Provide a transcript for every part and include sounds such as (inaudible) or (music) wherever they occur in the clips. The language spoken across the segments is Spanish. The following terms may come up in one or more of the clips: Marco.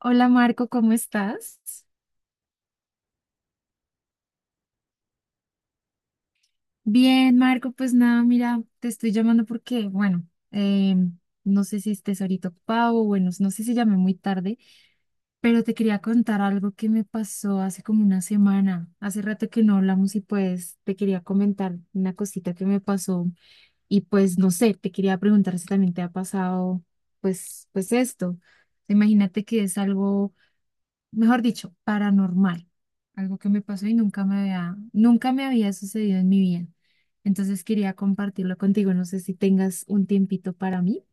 Hola Marco, ¿cómo estás? Bien, Marco, pues nada, mira, te estoy llamando porque, bueno, eh, no sé si estés ahorita ocupado, o bueno, no sé si llamé muy tarde, pero te quería contar algo que me pasó hace como una semana. Hace rato que no hablamos y pues te quería comentar una cosita que me pasó y pues no sé, te quería preguntar si también te ha pasado pues esto. Imagínate que es algo mejor dicho, paranormal, algo que me pasó y nunca me había sucedido en mi vida. Entonces quería compartirlo contigo, no sé si tengas un tiempito para mí.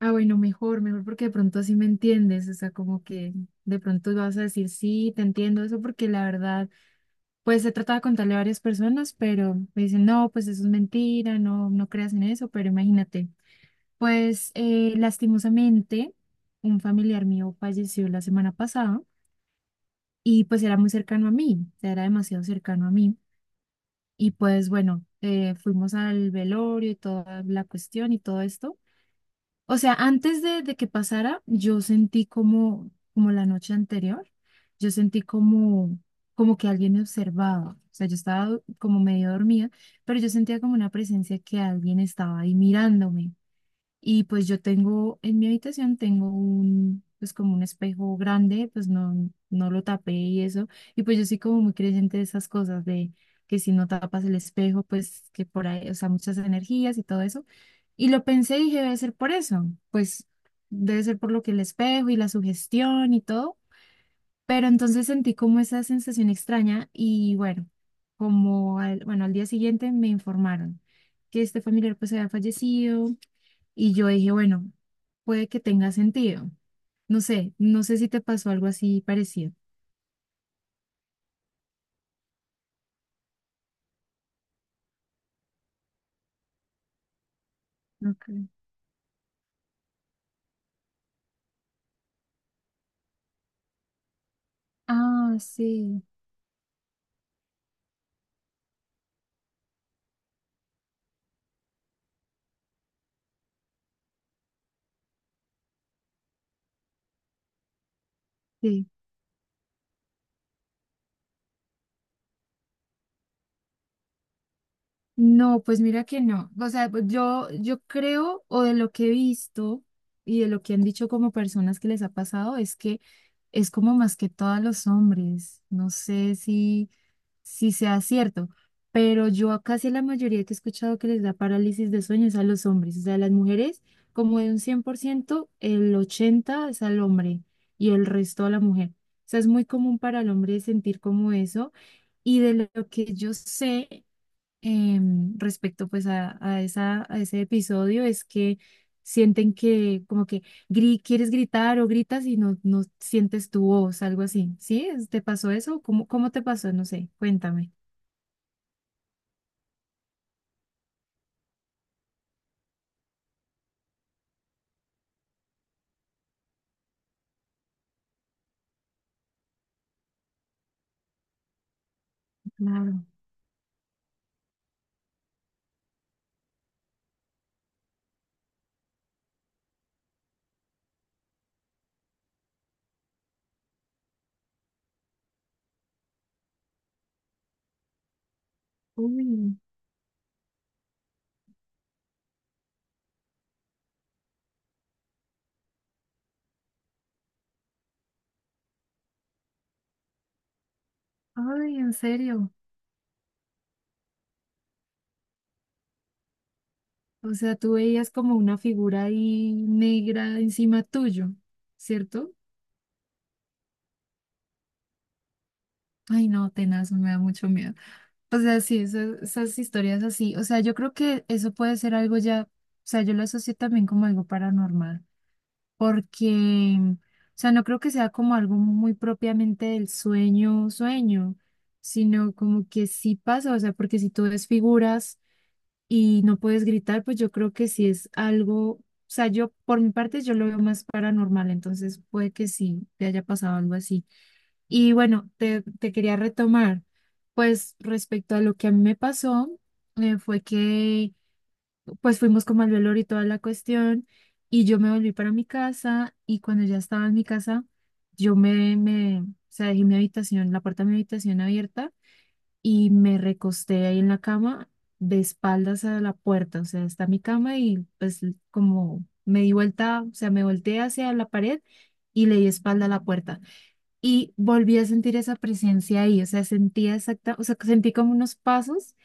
Ah, bueno, mejor, mejor porque de pronto así me entiendes, o sea, como que de pronto vas a decir, sí, te entiendo eso, porque la verdad, pues he tratado de contarle a varias personas, pero me dicen, no, pues eso es mentira, no creas en eso, pero imagínate, pues lastimosamente, un familiar mío falleció la semana pasada y pues era muy cercano a mí, o sea, era demasiado cercano a mí. Y pues bueno, fuimos al velorio y toda la cuestión y todo esto. O sea, antes de que pasara, yo sentí como, la noche anterior, yo sentí como, que alguien me observaba. O sea, yo estaba como medio dormida, pero yo sentía como una presencia que alguien estaba ahí mirándome. Y pues yo tengo, en mi habitación tengo un, pues como un espejo grande, pues no lo tapé y eso. Y pues yo soy como muy creyente de esas cosas, de que si no tapas el espejo, pues que por ahí, o sea, muchas energías y todo eso. Y lo pensé y dije, debe ser por eso, pues debe ser por lo que el espejo y la sugestión y todo. Pero entonces sentí como esa sensación extraña y bueno, como al, bueno, al día siguiente me informaron que este familiar pues había fallecido y yo dije, bueno, puede que tenga sentido. No sé si te pasó algo así parecido. Okay. Ah, sí, sí. No, pues mira que no. O sea, pues yo creo, o de lo que he visto y de lo que han dicho como personas que les ha pasado, es que es como más que todos los hombres. No sé si sí sea cierto, pero yo a casi la mayoría que he escuchado que les da parálisis de sueños a los hombres, o sea, a las mujeres como de un 100% el 80% es al hombre y el resto a la mujer. O sea, es muy común para el hombre sentir como eso. Y de lo que yo sé, respecto pues a esa, a ese episodio es que sienten que como que quieres gritar o gritas y no sientes tu voz, algo así. ¿Sí? ¿Te pasó eso? ¿Cómo te pasó? No sé, cuéntame. Claro. Uy, ay, en serio. O sea, tú veías como una figura ahí negra encima tuyo, ¿cierto? Ay, no, tenaz, me da mucho miedo. O sea, sí, esas historias así. O sea, yo creo que eso puede ser algo ya, o sea, yo lo asocio también como algo paranormal, porque, o sea, no creo que sea como algo muy propiamente del sueño, sueño, sino como que sí pasa, o sea, porque si tú ves figuras y no puedes gritar, pues yo creo que sí es algo, o sea, yo por mi parte yo lo veo más paranormal, entonces puede que sí te haya pasado algo así. Y bueno, te quería retomar, pues respecto a lo que a mí me pasó, fue que pues fuimos como al velorio y toda la cuestión, y yo me volví para mi casa, y cuando ya estaba en mi casa, yo o sea, dejé mi habitación, la puerta de mi habitación abierta, y me recosté ahí en la cama, de espaldas a la puerta, o sea, está mi cama, y pues como me di vuelta, o sea, me volteé hacia la pared y le di espalda a la puerta. Y volví a sentir esa presencia ahí, o sea, sentía exacta, o sea, sentí como unos pasos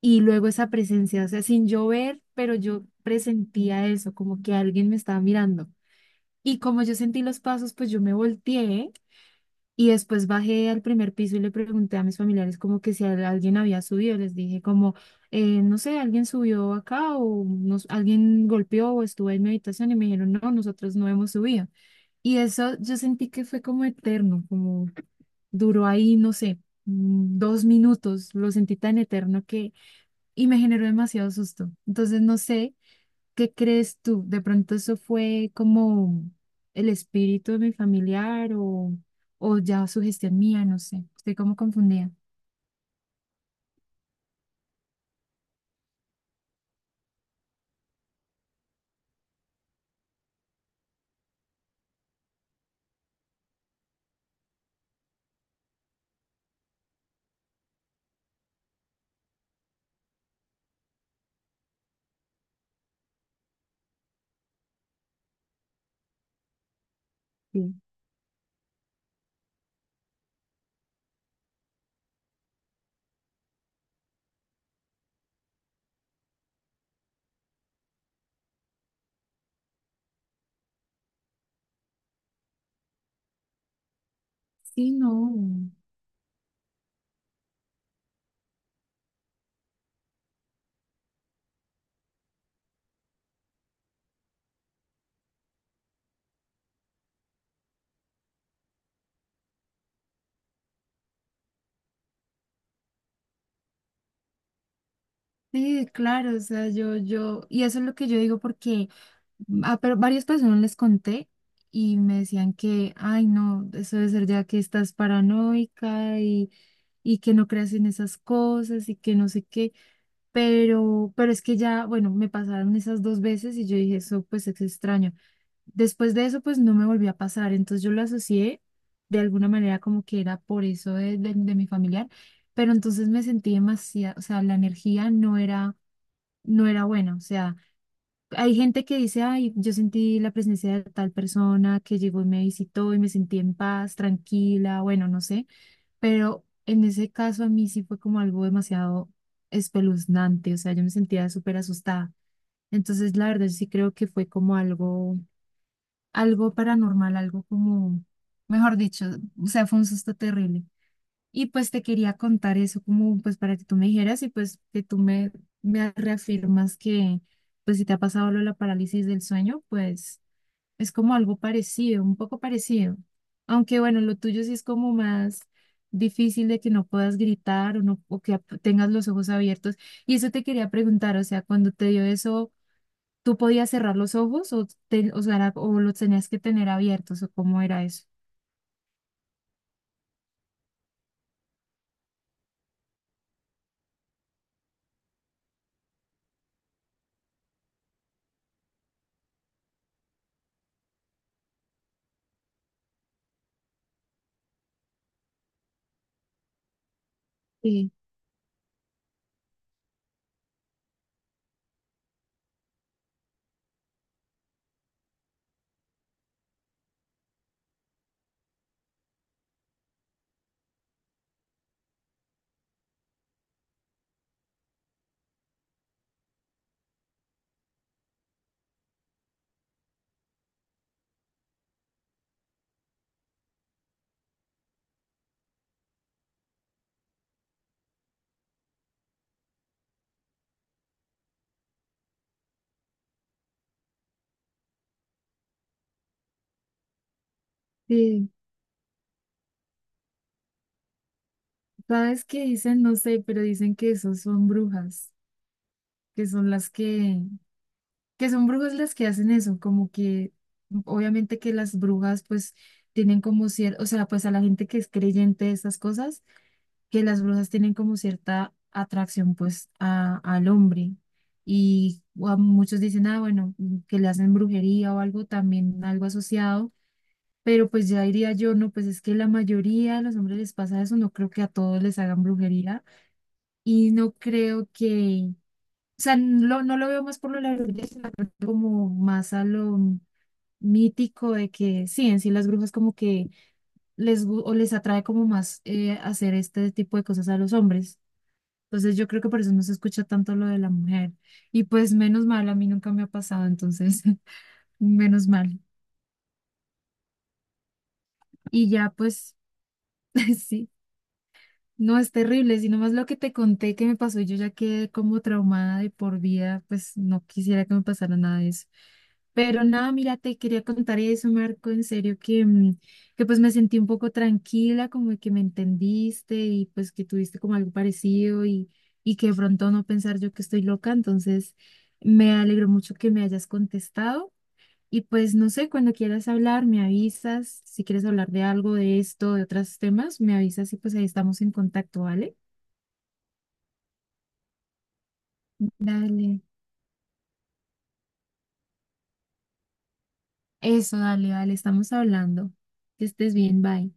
y luego esa presencia, o sea, sin yo ver, pero yo presentía eso, como que alguien me estaba mirando. Y como yo sentí los pasos, pues yo me volteé y después bajé al primer piso y le pregunté a mis familiares como que si alguien había subido, les dije como, no sé, alguien subió acá o nos, alguien golpeó o estuvo en mi habitación y me dijeron, no, nosotros no hemos subido. Y eso yo sentí que fue como eterno, como duró ahí, no sé, 2 minutos, lo sentí tan eterno que, y me generó demasiado susto. Entonces, no sé, ¿qué crees tú? ¿De pronto eso fue como el espíritu de mi familiar o ya sugestión mía? No sé, estoy como confundida. Sí. Sí, no. Sí, claro, o sea, y eso es lo que yo digo porque ah pero varias personas les conté y me decían que, ay, no, eso debe ser ya que estás paranoica y que no creas en esas cosas y que no sé qué, pero es que ya, bueno, me pasaron esas 2 veces y yo dije, eso pues es extraño. Después de eso, pues no me volvió a pasar, entonces yo lo asocié de alguna manera como que era por eso de mi familiar, pero entonces me sentí demasiado, o sea, la energía no era buena, o sea hay gente que dice, ay, yo sentí la presencia de tal persona que llegó y me visitó y me sentí en paz, tranquila, bueno, no sé, pero en ese caso a mí sí fue como algo demasiado espeluznante, o sea, yo me sentía súper asustada. Entonces, la verdad, yo sí creo que fue como algo, paranormal, algo como, mejor dicho, o sea, fue un susto terrible. Y pues te quería contar eso como pues para que tú me dijeras y pues que tú me reafirmas que pues si te ha pasado lo de la parálisis del sueño, pues es como algo parecido, un poco parecido. Aunque bueno, lo tuyo sí es como más difícil de que no puedas gritar o, no, o que tengas los ojos abiertos. Y eso te quería preguntar, o sea, cuando te dio eso, ¿tú podías cerrar los ojos o, o sea, o los tenías que tener abiertos o cómo era eso? Sí, sí, ¿Sabes qué dicen? No sé, pero dicen que esos son brujas, que son las que son brujas las que hacen eso, como que obviamente que las brujas pues tienen como cierto, o sea, pues a la gente que es creyente de estas cosas, que las brujas tienen como cierta atracción pues al hombre. Y o a muchos dicen, ah, bueno, que le hacen brujería o algo, también algo asociado. Pero pues ya diría yo, no, pues es que la mayoría de los hombres les pasa eso, no creo que a todos les hagan brujería y no creo que, o sea, no lo veo más por lo largo, sino como más a lo mítico de que sí, en sí las brujas como que o les atrae como más hacer este tipo de cosas a los hombres. Entonces yo creo que por eso no se escucha tanto lo de la mujer. Y pues menos mal, a mí nunca me ha pasado, entonces (laughs) menos mal. Y ya pues, (laughs) sí. No, es terrible, sino más lo que te conté que me pasó, yo ya quedé como traumada de por vida, pues no quisiera que me pasara nada de eso. Pero nada, mira, te quería contar eso, Marco, en serio, que, que pues me sentí un poco tranquila, como que me entendiste y pues que tuviste como algo parecido y que de pronto no pensar yo que estoy loca, entonces me alegró mucho que me hayas contestado. Y pues no sé, cuando quieras hablar, me avisas. Si quieres hablar de algo, de esto, de otros temas, me avisas y pues ahí estamos en contacto, ¿vale? Dale. Eso, dale, dale, estamos hablando. Que estés bien, bye.